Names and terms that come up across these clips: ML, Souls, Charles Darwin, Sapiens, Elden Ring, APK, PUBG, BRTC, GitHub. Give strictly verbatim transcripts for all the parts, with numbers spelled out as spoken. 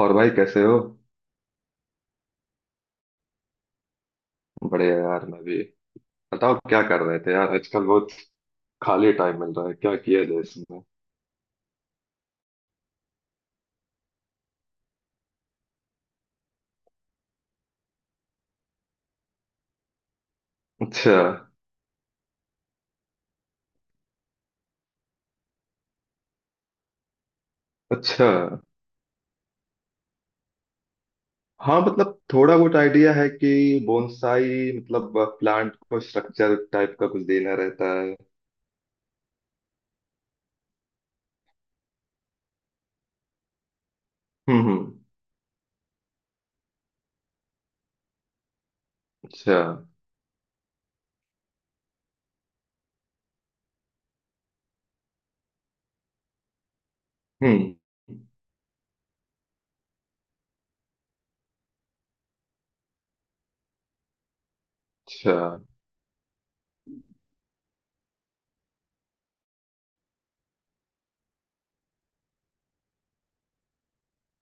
और भाई कैसे हो। बढ़िया यार मैं भी। बताओ क्या कर रहे थे यार आजकल। बहुत खाली टाइम मिल रहा है, क्या किया जाए इसमें। अच्छा। अच्छा, हाँ मतलब थोड़ा बहुत आइडिया है कि बोनसाई मतलब प्लांट को स्ट्रक्चर टाइप का कुछ देना रहता है। हम्म हम्म। अच्छा। हम्म। अच्छा,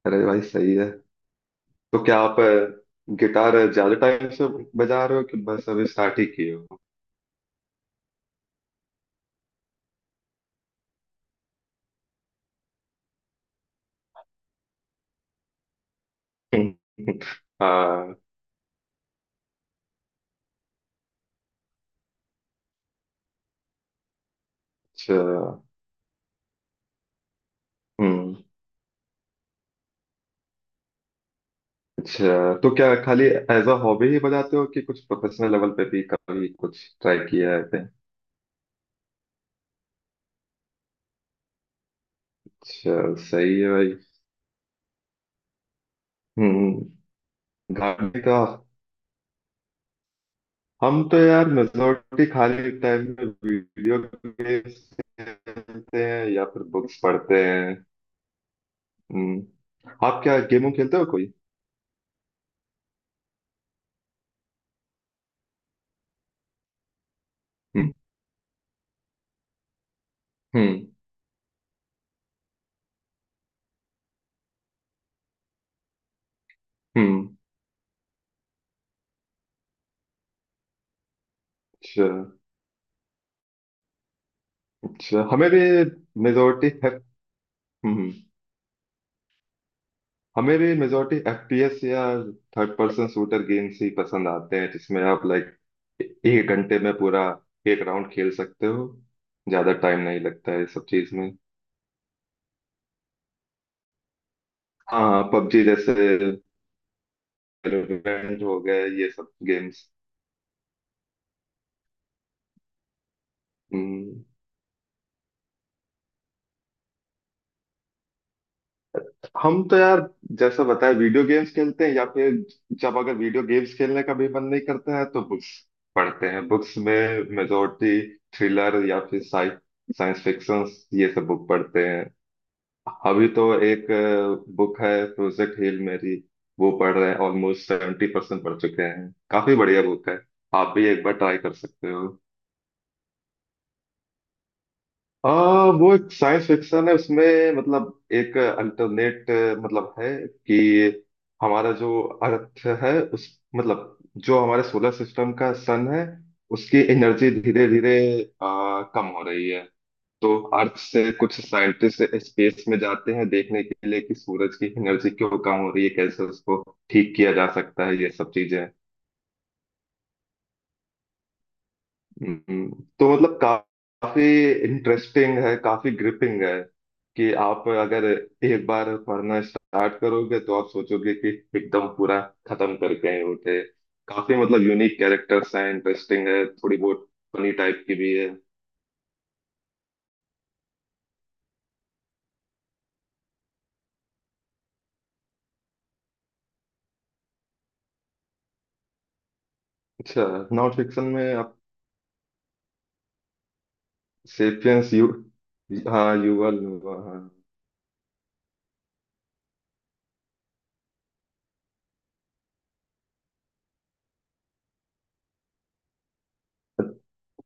अरे भाई सही है। तो क्या आप अ, गिटार ज्यादा टाइम से बजा रहे हो कि बस अभी स्टार्ट ही किए हो? हाँ। अच्छा। हम्म। अच्छा, तो क्या खाली एज अ हॉबी ही बजाते हो कि कुछ प्रोफेशनल लेवल पे भी कभी कुछ ट्राई किया है आपने? अच्छा, सही है भाई। हम्म। गाने का, हम तो यार मेजोरिटी खाली टाइम में वीडियो गेम्स खेलते हैं या फिर बुक्स पढ़ते हैं। हम्म, आप क्या गेम खेलते हो कोई? हम्म। हम्म। हम्म, अच्छा। अच्छा, हमें भी मेजोरिटी है। हम्म। हमें भी मेजोरिटी एफ पी एस या थर्ड पर्सन शूटर गेम्स ही पसंद आते हैं, जिसमें आप लाइक एक घंटे में पूरा एक राउंड खेल सकते हो, ज्यादा टाइम नहीं लगता है इस सब चीज में। हाँ पबजी जैसे, वैलोरेंट हो गए ये सब गेम्स। हम्म। हम तो यार जैसा बताया वीडियो गेम्स खेलते हैं, या फिर जब अगर वीडियो गेम्स खेलने का भी मन नहीं करता है तो बुक्स पढ़ते हैं। बुक्स में मेजोरिटी थ्रिलर या फिर साइंस फिक्शन, ये सब बुक पढ़ते हैं। अभी तो एक बुक है प्रोजेक्ट हिल मेरी, वो पढ़ रहे हैं। ऑलमोस्ट सेवेंटी परसेंट पढ़ चुके हैं, काफी बढ़िया बुक है। आप भी एक बार ट्राई कर सकते हो। आ, वो एक साइंस फिक्शन है। उसमें मतलब एक अल्टरनेट मतलब है कि हमारा जो अर्थ है, उस मतलब जो हमारे सोलर सिस्टम का सन है, उसकी एनर्जी धीरे धीरे कम हो रही है। तो अर्थ से कुछ साइंटिस्ट स्पेस में जाते हैं देखने के लिए कि सूरज की एनर्जी क्यों कम हो रही है, कैसे उसको ठीक किया जा सकता है, ये सब चीजें। हम्म। तो मतलब का- काफी इंटरेस्टिंग है, काफी ग्रिपिंग है कि आप अगर एक बार पढ़ना स्टार्ट करोगे तो आप सोचोगे कि एकदम पूरा खत्म करके आए उठे। काफी मतलब यूनिक कैरेक्टर्स हैं, इंटरेस्टिंग है, थोड़ी बहुत फनी टाइप की भी है। अच्छा। नॉन फिक्शन में सेपियंस यू, हाँ युवा, हाँ।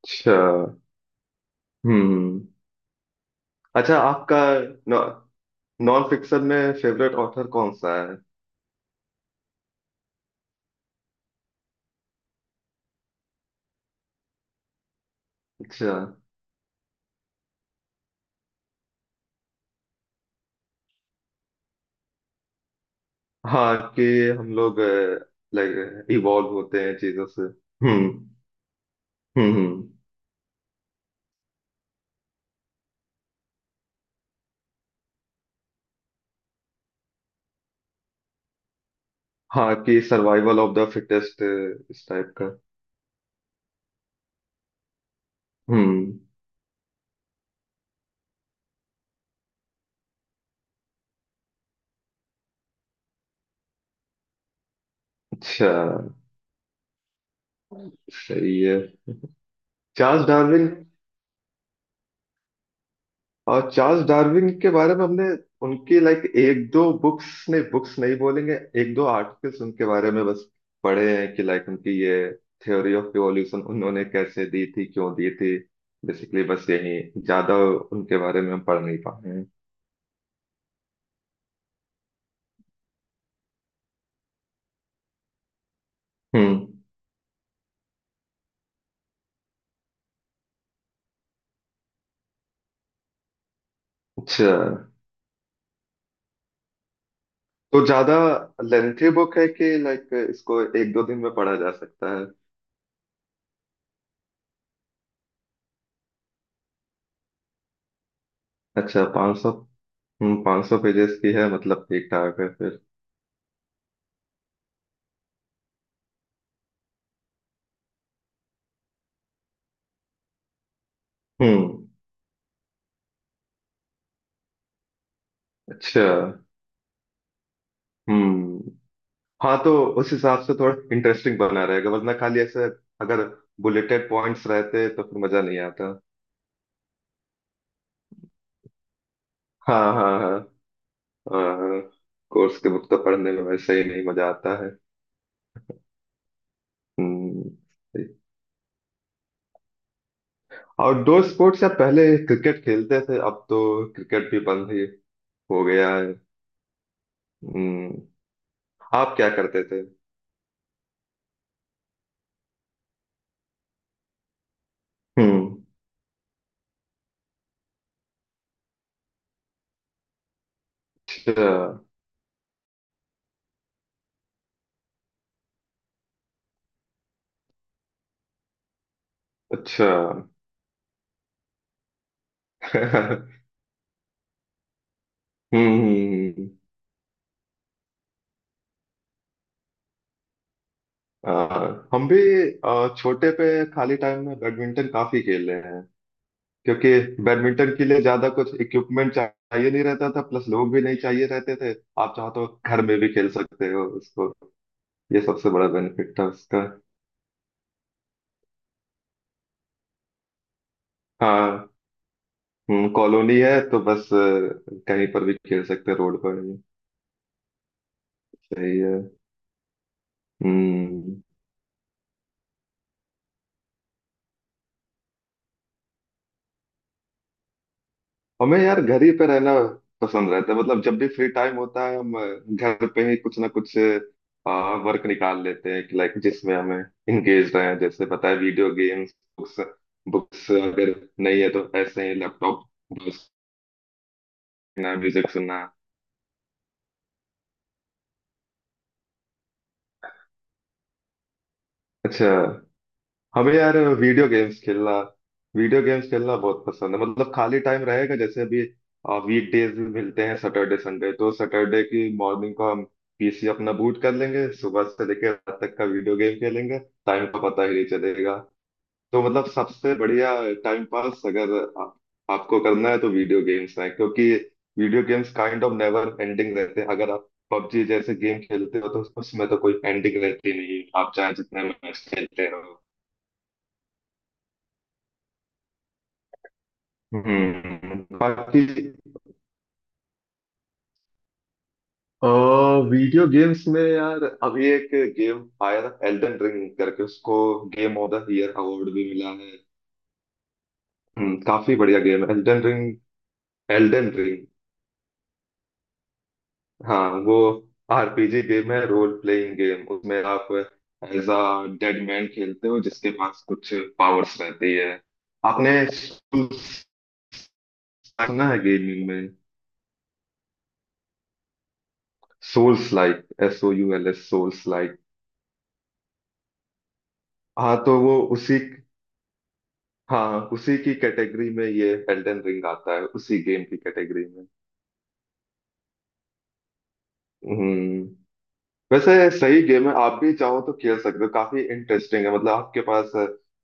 अच्छा। हम्म हम्म। अच्छा, आपका नॉ, नॉन फिक्शन में फेवरेट ऑथर कौन सा है? अच्छा, हाँ कि हम लोग लाइक इवॉल्व होते हैं चीजों से। हम्म। हम्म। हम्म। हाँ कि सर्वाइवल ऑफ द फिटेस्ट इस टाइप का। हम्म। अच्छा, सही है। चार्ल्स डार्विन, और चार्ल्स डार्विन के बारे में हमने उनकी लाइक एक दो बुक्स, नहीं बुक्स नहीं बोलेंगे, एक दो आर्टिकल्स उनके बारे में बस पढ़े हैं कि लाइक उनकी ये थ्योरी ऑफ इवोल्यूशन उन्होंने कैसे दी थी, क्यों दी थी, बेसिकली बस यही। ज्यादा उनके बारे में हम पढ़ नहीं पाए हैं। हम्म। अच्छा, तो ज्यादा लेंथी बुक है कि लाइक इसको एक दो दिन में पढ़ा जा सकता है? अच्छा, पाँच सौ। हम्म, पाँच सौ पेजेस की है मतलब ठीक ठाक है फिर। हम्म। अच्छा। हम्म। हाँ तो उस हिसाब से थोड़ा इंटरेस्टिंग बना रहेगा, वरना खाली ऐसे अगर बुलेटेड पॉइंट्स रहते तो फिर मजा नहीं आता। हाँ हाँ हाँ। हाँ, कोर्स के बुक तो पढ़ने में वैसे ही नहीं मजा आता है। हम्म। आउटडोर स्पोर्ट्स, या पहले क्रिकेट खेलते थे, अब तो क्रिकेट भी बंद ही हो गया है। हम्म, आप क्या करते थे? हम्म। अच्छा। अच्छा। हम्म। हम्म। हम्म। आ, हम भी आ, छोटे पे खाली टाइम में बैडमिंटन काफी खेले हैं, क्योंकि बैडमिंटन के लिए ज्यादा कुछ इक्विपमेंट चाहिए नहीं रहता था, प्लस लोग भी नहीं चाहिए रहते थे। आप चाहो तो घर में भी खेल सकते हो उसको, ये सबसे बड़ा बेनिफिट था उसका। हाँ, कॉलोनी है तो बस अ, कहीं पर भी खेल सकते हैं, रोड पर भी। सही है। हम्म। हमें यार घर ही पे रहना पसंद रहता है, मतलब जब भी फ्री टाइम होता है हम घर पे ही कुछ ना कुछ वर्क निकाल लेते हैं कि लाइक जिसमें हमें इंगेज रहे हैं, जैसे पता है वीडियो गेम्स, बुक्स, बुक्स अगर नहीं है तो ऐसे ही लैपटॉप ब्राउज करना, म्यूजिक सुनना। अच्छा। हमें यार वीडियो गेम्स खेलना, वीडियो गेम्स खेलना बहुत पसंद है, मतलब खाली टाइम रहेगा, जैसे अभी वीक डेज भी मिलते हैं सैटरडे संडे, तो सैटरडे की मॉर्निंग को हम पी सी अपना बूट कर लेंगे, सुबह से लेकर रात तक का वीडियो गेम खेलेंगे, टाइम का पता ही नहीं चलेगा। तो मतलब सबसे बढ़िया टाइम पास अगर आप, आपको करना है तो वीडियो गेम्स है, क्योंकि video games kind of never ending रहते हैं, अगर आप पबजी जैसे गेम खेलते हो तो उसमें तो कोई एंडिंग रहती नहीं है। आप चाहे जितने मैच खेलते रहो। हम्म बाकी। वीडियो गेम्स में यार अभी एक गेम आया था एल्डन रिंग करके, उसको game of the year award भी मिला है। हम्म, काफी बढ़िया गेम है एल्डन रिंग। एल्डन रिंग, हाँ वो आर पी जी गेम है, रोल प्लेइंग गेम, उसमें आप एज अ डेड मैन खेलते हो जिसके पास कुछ पावर्स रहती है। आपने Souls सुना है गेमिंग में? Souls like, S O U L S, souls like. हाँ तो वो उसी, हाँ उसी की कैटेगरी में ये एल्डन रिंग आता है, उसी गेम की कैटेगरी में। हम्म। वैसे सही गेम है, आप भी चाहो तो खेल सकते हो, काफी इंटरेस्टिंग है, मतलब आपके पास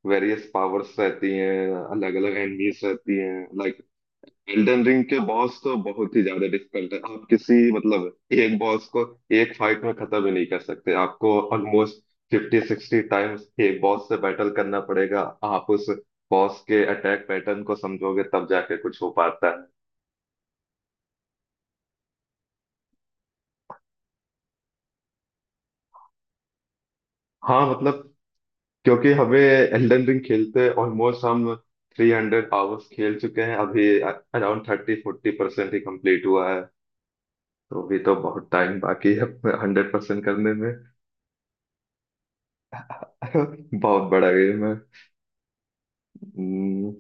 वेरियस पावर्स रहती हैं, अलग अलग एनिमीज रहती हैं। लाइक एल्डन रिंग के बॉस तो बहुत ही ज्यादा डिफिकल्ट है, आप किसी मतलब एक बॉस को एक फाइट में खत्म ही नहीं कर सकते, आपको ऑलमोस्ट फिफ्टी सिक्सटी टाइम्स एक बॉस से बैटल करना पड़ेगा। आप उस बॉस के अटैक पैटर्न को समझोगे तब जाके कुछ हो पाता। हाँ मतलब, क्योंकि हमें एल्डन रिंग खेलते ऑलमोस्ट हम थ्री हंड्रेड आवर्स खेल चुके हैं, अभी अराउंड थर्टी फोर्टी परसेंट ही कंप्लीट हुआ है, तो अभी तो बहुत टाइम बाकी है हंड्रेड परसेंट करने में। बहुत बड़ा गेम है। हम्म।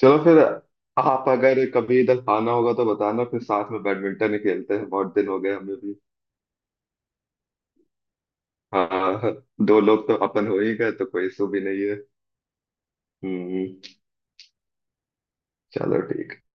चलो फिर, आप अगर कभी इधर आना होगा तो बताना, फिर साथ में बैडमिंटन ही खेलते हैं, बहुत दिन हो गए हमें भी। हाँ। दो लोग तो अपन हो ही गए, तो कोई इशू भी नहीं है। हम्म, चलो ठीक है।